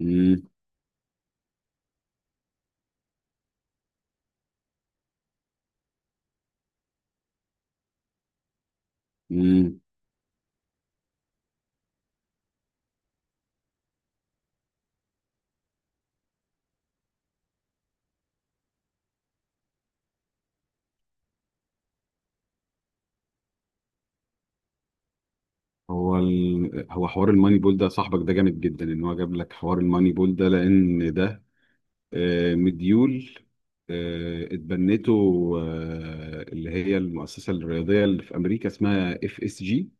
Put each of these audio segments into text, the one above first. مم. مم. هو حوار الماني بول ده، صاحبك ده جامد جدا ان هو جاب لك حوار الماني بول ده، لان ده مديول اتبنته، اللي هي المؤسسه الرياضيه اللي في امريكا اسمها اف اس جي.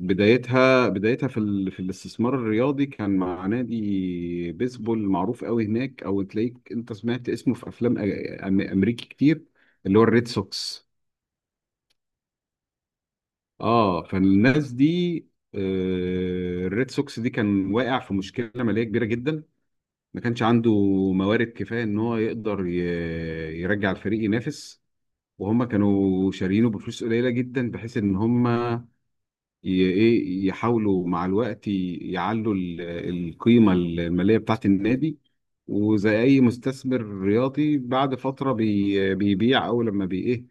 بدايتها في الاستثمار الرياضي كان مع نادي بيسبول معروف قوي هناك، او تلاقيك انت سمعت اسمه في افلام امريكي كتير، اللي هو الريد سوكس. اه، فالناس دي الريد سوكس دي كان واقع في مشكله ماليه كبيره جدا. ما كانش عنده موارد كفايه ان هو يقدر يرجع الفريق ينافس، وهم كانوا شاريينه بفلوس قليله جدا بحيث ان هم ايه يحاولوا مع الوقت يعلوا القيمه الماليه بتاعه النادي. وزي اي مستثمر رياضي بعد فتره بيبيع، او لما بي ايه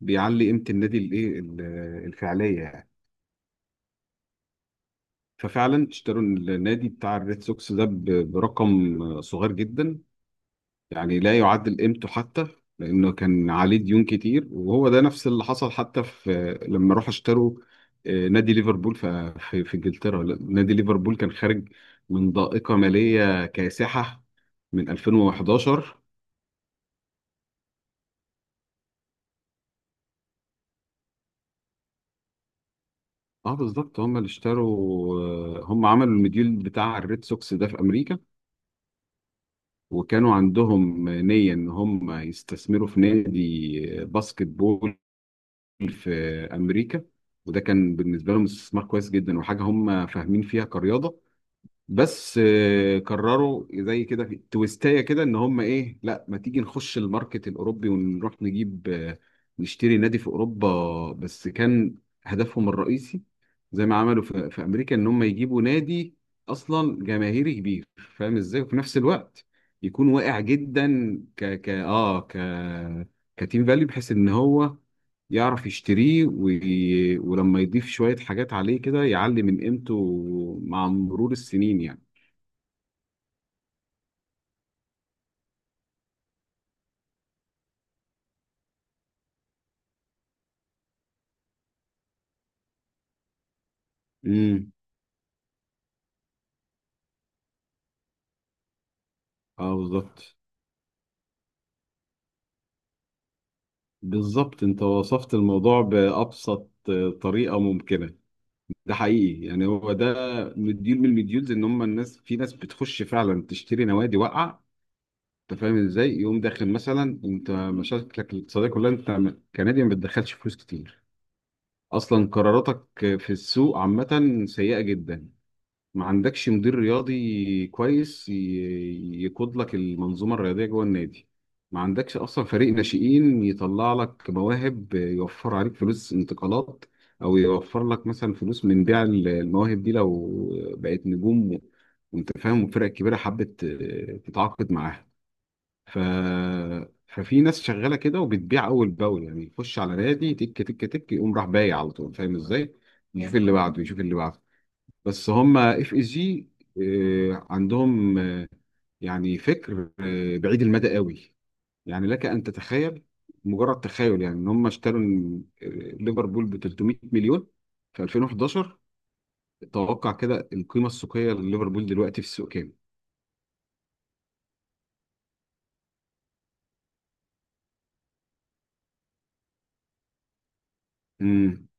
بيعلي قيمه النادي الايه الفعليه يعني. ففعلا اشتروا النادي بتاع الريد سوكس ده برقم صغير جدا، يعني لا يعادل قيمته حتى، لانه كان عليه ديون كتير. وهو ده نفس اللي حصل حتى في لما راحوا اشتروا نادي ليفربول. في انجلترا نادي ليفربول كان خارج من ضائقة مالية كاسحة من 2011. اه، بالظبط هم اللي اشتروا. هم عملوا المديول بتاع الريد سوكس ده في امريكا، وكانوا عندهم نية إن هم يستثمروا في نادي باسكت بول في أمريكا. وده كان بالنسبة لهم استثمار كويس جدا وحاجة هم فاهمين فيها كرياضة. بس قرروا زي كده في تويستايه كده ان هم ايه، لا ما تيجي نخش الماركت الاوروبي ونروح نجيب، نشتري نادي في اوروبا. بس كان هدفهم الرئيسي زي ما عملوا في امريكا ان هم يجيبوا نادي اصلا جماهيري كبير، فاهم ازاي، وفي نفس الوقت يكون واقع جدا ك ك اه ك كتيم فاليو، بحيث ان هو يعرف يشتريه ولما يضيف شوية حاجات عليه كده يعلي من قيمته مع مرور السنين يعني. امم اه، بالظبط. بالظبط، انت وصفت الموضوع بأبسط طريقة ممكنة. ده حقيقي، يعني هو ده مديول من المديولز، ان هم الناس في ناس بتخش فعلا تشتري نوادي واقعة، انت فاهم ازاي. يقوم داخل مثلا، انت مشاكلك الاقتصادية كلها انت كنادي، ما بتدخلش فلوس كتير، اصلا قراراتك في السوق عامة سيئة جدا، ما عندكش مدير رياضي كويس يقود لك المنظومة الرياضية جوه النادي، ما عندكش أصلا فريق ناشئين يطلع لك مواهب يوفر عليك فلوس انتقالات، أو يوفر لك مثلا فلوس من بيع المواهب دي لو بقت نجوم وأنت فاهم الفرق الكبيرة حبت تتعاقد معاها. ف... ففي ناس شغالة كده وبتبيع أول بأول، يعني يخش على نادي تك تك تك يقوم راح بايع على طول، فاهم إزاي؟ يشوف اللي بعده، يشوف اللي بعده. بس هم اف اس جي عندهم يعني فكر بعيد المدى قوي. يعني لك ان تتخيل، مجرد تخيل، يعني ان هم اشتروا ليفربول ب 300 مليون في 2011. توقع كده القيمه السوقيه لليفربول دلوقتي في السوق كام. امم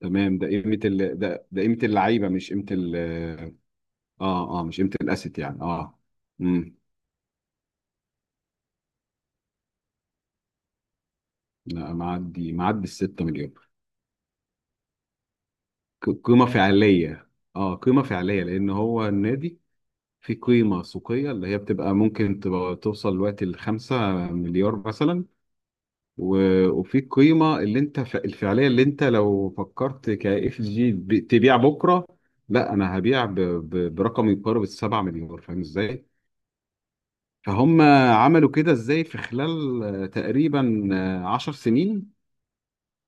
تمام. ده قيمه اللعيبه، مش قيمه اه. اه مش قيمه الاسيت يعني. اه. امم لا، معدي ال 6 مليون. قيمه فعليه. اه، قيمه فعليه، لان هو النادي في قيمة سوقية اللي هي بتبقى ممكن تبقى توصل دلوقتي لـ 5 مليار مثلا. وفي قيمة اللي انت الفعلية، اللي انت لو فكرت كاف جي تبيع بكرة، لا انا هبيع برقم يقارب السبعة مليار، فاهم ازاي؟ فهم عملوا كده ازاي في خلال تقريبا 10 سنين.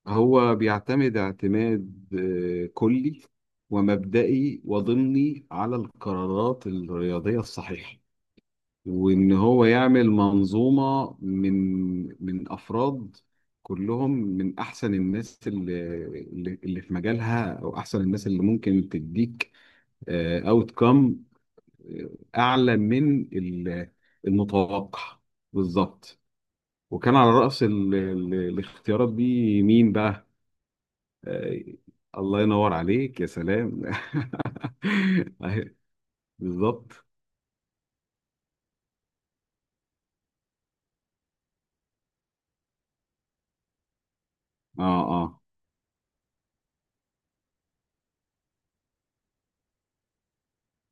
هو بيعتمد اعتماد كلي ومبدئي وضمني على القرارات الرياضية الصحيحة، وإن هو يعمل منظومة من أفراد كلهم من أحسن الناس اللي في مجالها، أو أحسن الناس اللي ممكن تديك أوت كام أعلى من المتوقع. بالظبط. وكان على رأس الاختيارات دي مين بقى؟ آه، الله ينور عليك، يا سلام. أهي، بالظبط. اه. اه.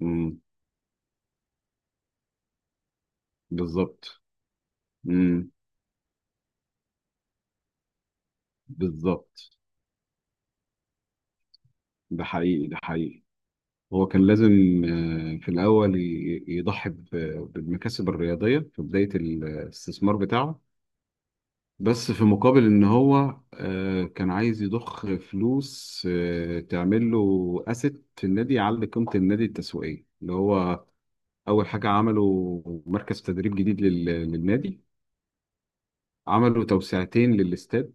أمم، بالظبط. أمم، بالظبط. ده حقيقي، ده حقيقي. هو كان لازم في الأول يضحي بالمكاسب الرياضية في بداية الاستثمار بتاعه، بس في مقابل إن هو كان عايز يضخ فلوس تعمل له أسيت في النادي يعلي قيمة النادي التسويقية. اللي هو أول حاجة عمله مركز تدريب جديد للنادي، عملوا توسعتين للاستاد،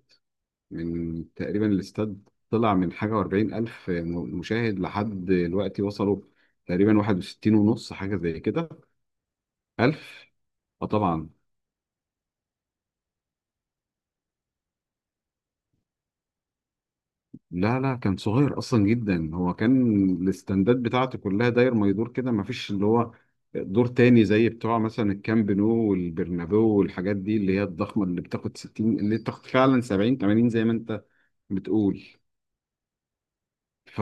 من تقريبا الاستاد طلع من حاجة وأربعين ألف مشاهد لحد دلوقتي وصلوا تقريبا واحد وستين ونص حاجة زي كده ألف. اه، طبعا. لا، كان صغير أصلا جدا، هو كان الاستندات بتاعته كلها داير ما يدور كده، ما فيش اللي هو دور تاني زي بتوع مثلا الكامب نو والبرنابيو والحاجات دي اللي هي الضخمة، اللي بتاخد ستين، اللي بتاخد فعلا سبعين تمانين زي ما أنت بتقول. ف...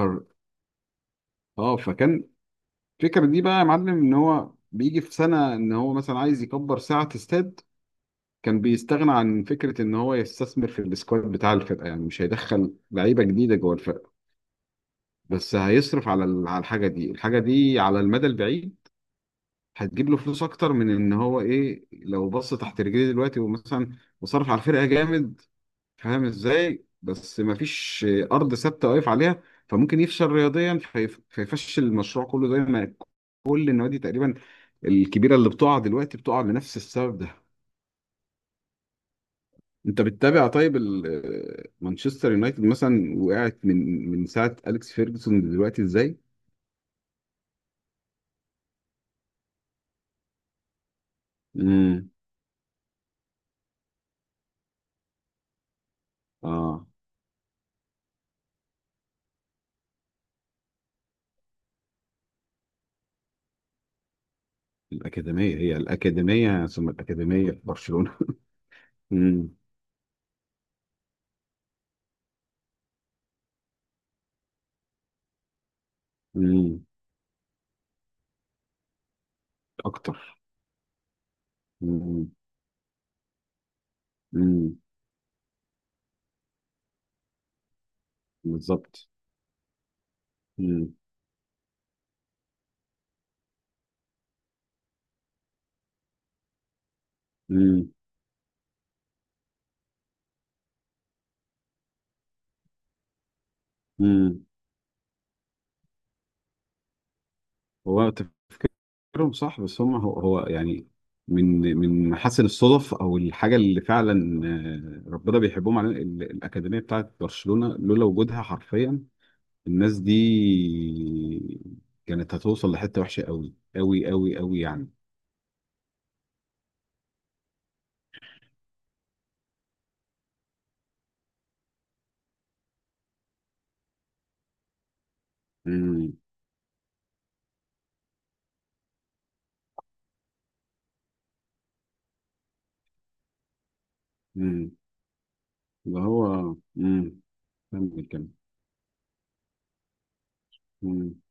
اه، فكان الفكرة دي بقى يا معلم ان هو بيجي في سنة ان هو مثلا عايز يكبر ساعة استاد، كان بيستغنى عن فكرة ان هو يستثمر في السكواد بتاع الفرقة. يعني مش هيدخل لعيبة جديدة جوه الفرقة، بس هيصرف على على الحاجة دي. الحاجة دي على المدى البعيد هتجيب له فلوس اكتر من ان هو ايه، لو بص تحت رجليه دلوقتي ومثلا وصرف على الفرقة جامد، فاهم ازاي. بس مفيش ارض ثابته واقف عليها، فممكن يفشل رياضيا فيفشل المشروع كله، زي ما كل النوادي تقريبا الكبيره اللي بتقع دلوقتي بتقع لنفس السبب ده. انت بتتابع طيب مانشستر يونايتد مثلا وقعت من ساعه اليكس فيرجسون دلوقتي ازاي؟ امم اه، الاكاديميه هي الاكاديميه ثم الاكاديميه في برشلونه. امم امم. اكتر. امم امم. بالظبط. امم امم. هو تفكيرهم صح، بس هم هو يعني من محاسن الصدف، او الحاجه اللي فعلا ربنا بيحبهم علينا، الاكاديميه بتاعت برشلونه لولا وجودها حرفيا الناس دي كانت هتوصل لحته وحشه، قوي قوي قوي قوي يعني. امم امم. اللي هو كمل. امم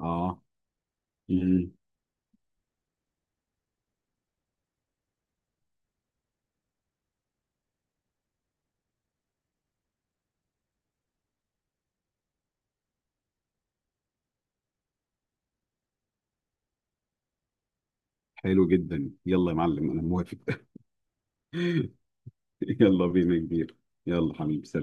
اه. امم. حلو جدا، يلا يا معلم، انا موافق. يلا بينا يا كبير. يلا حبيبي، سلام.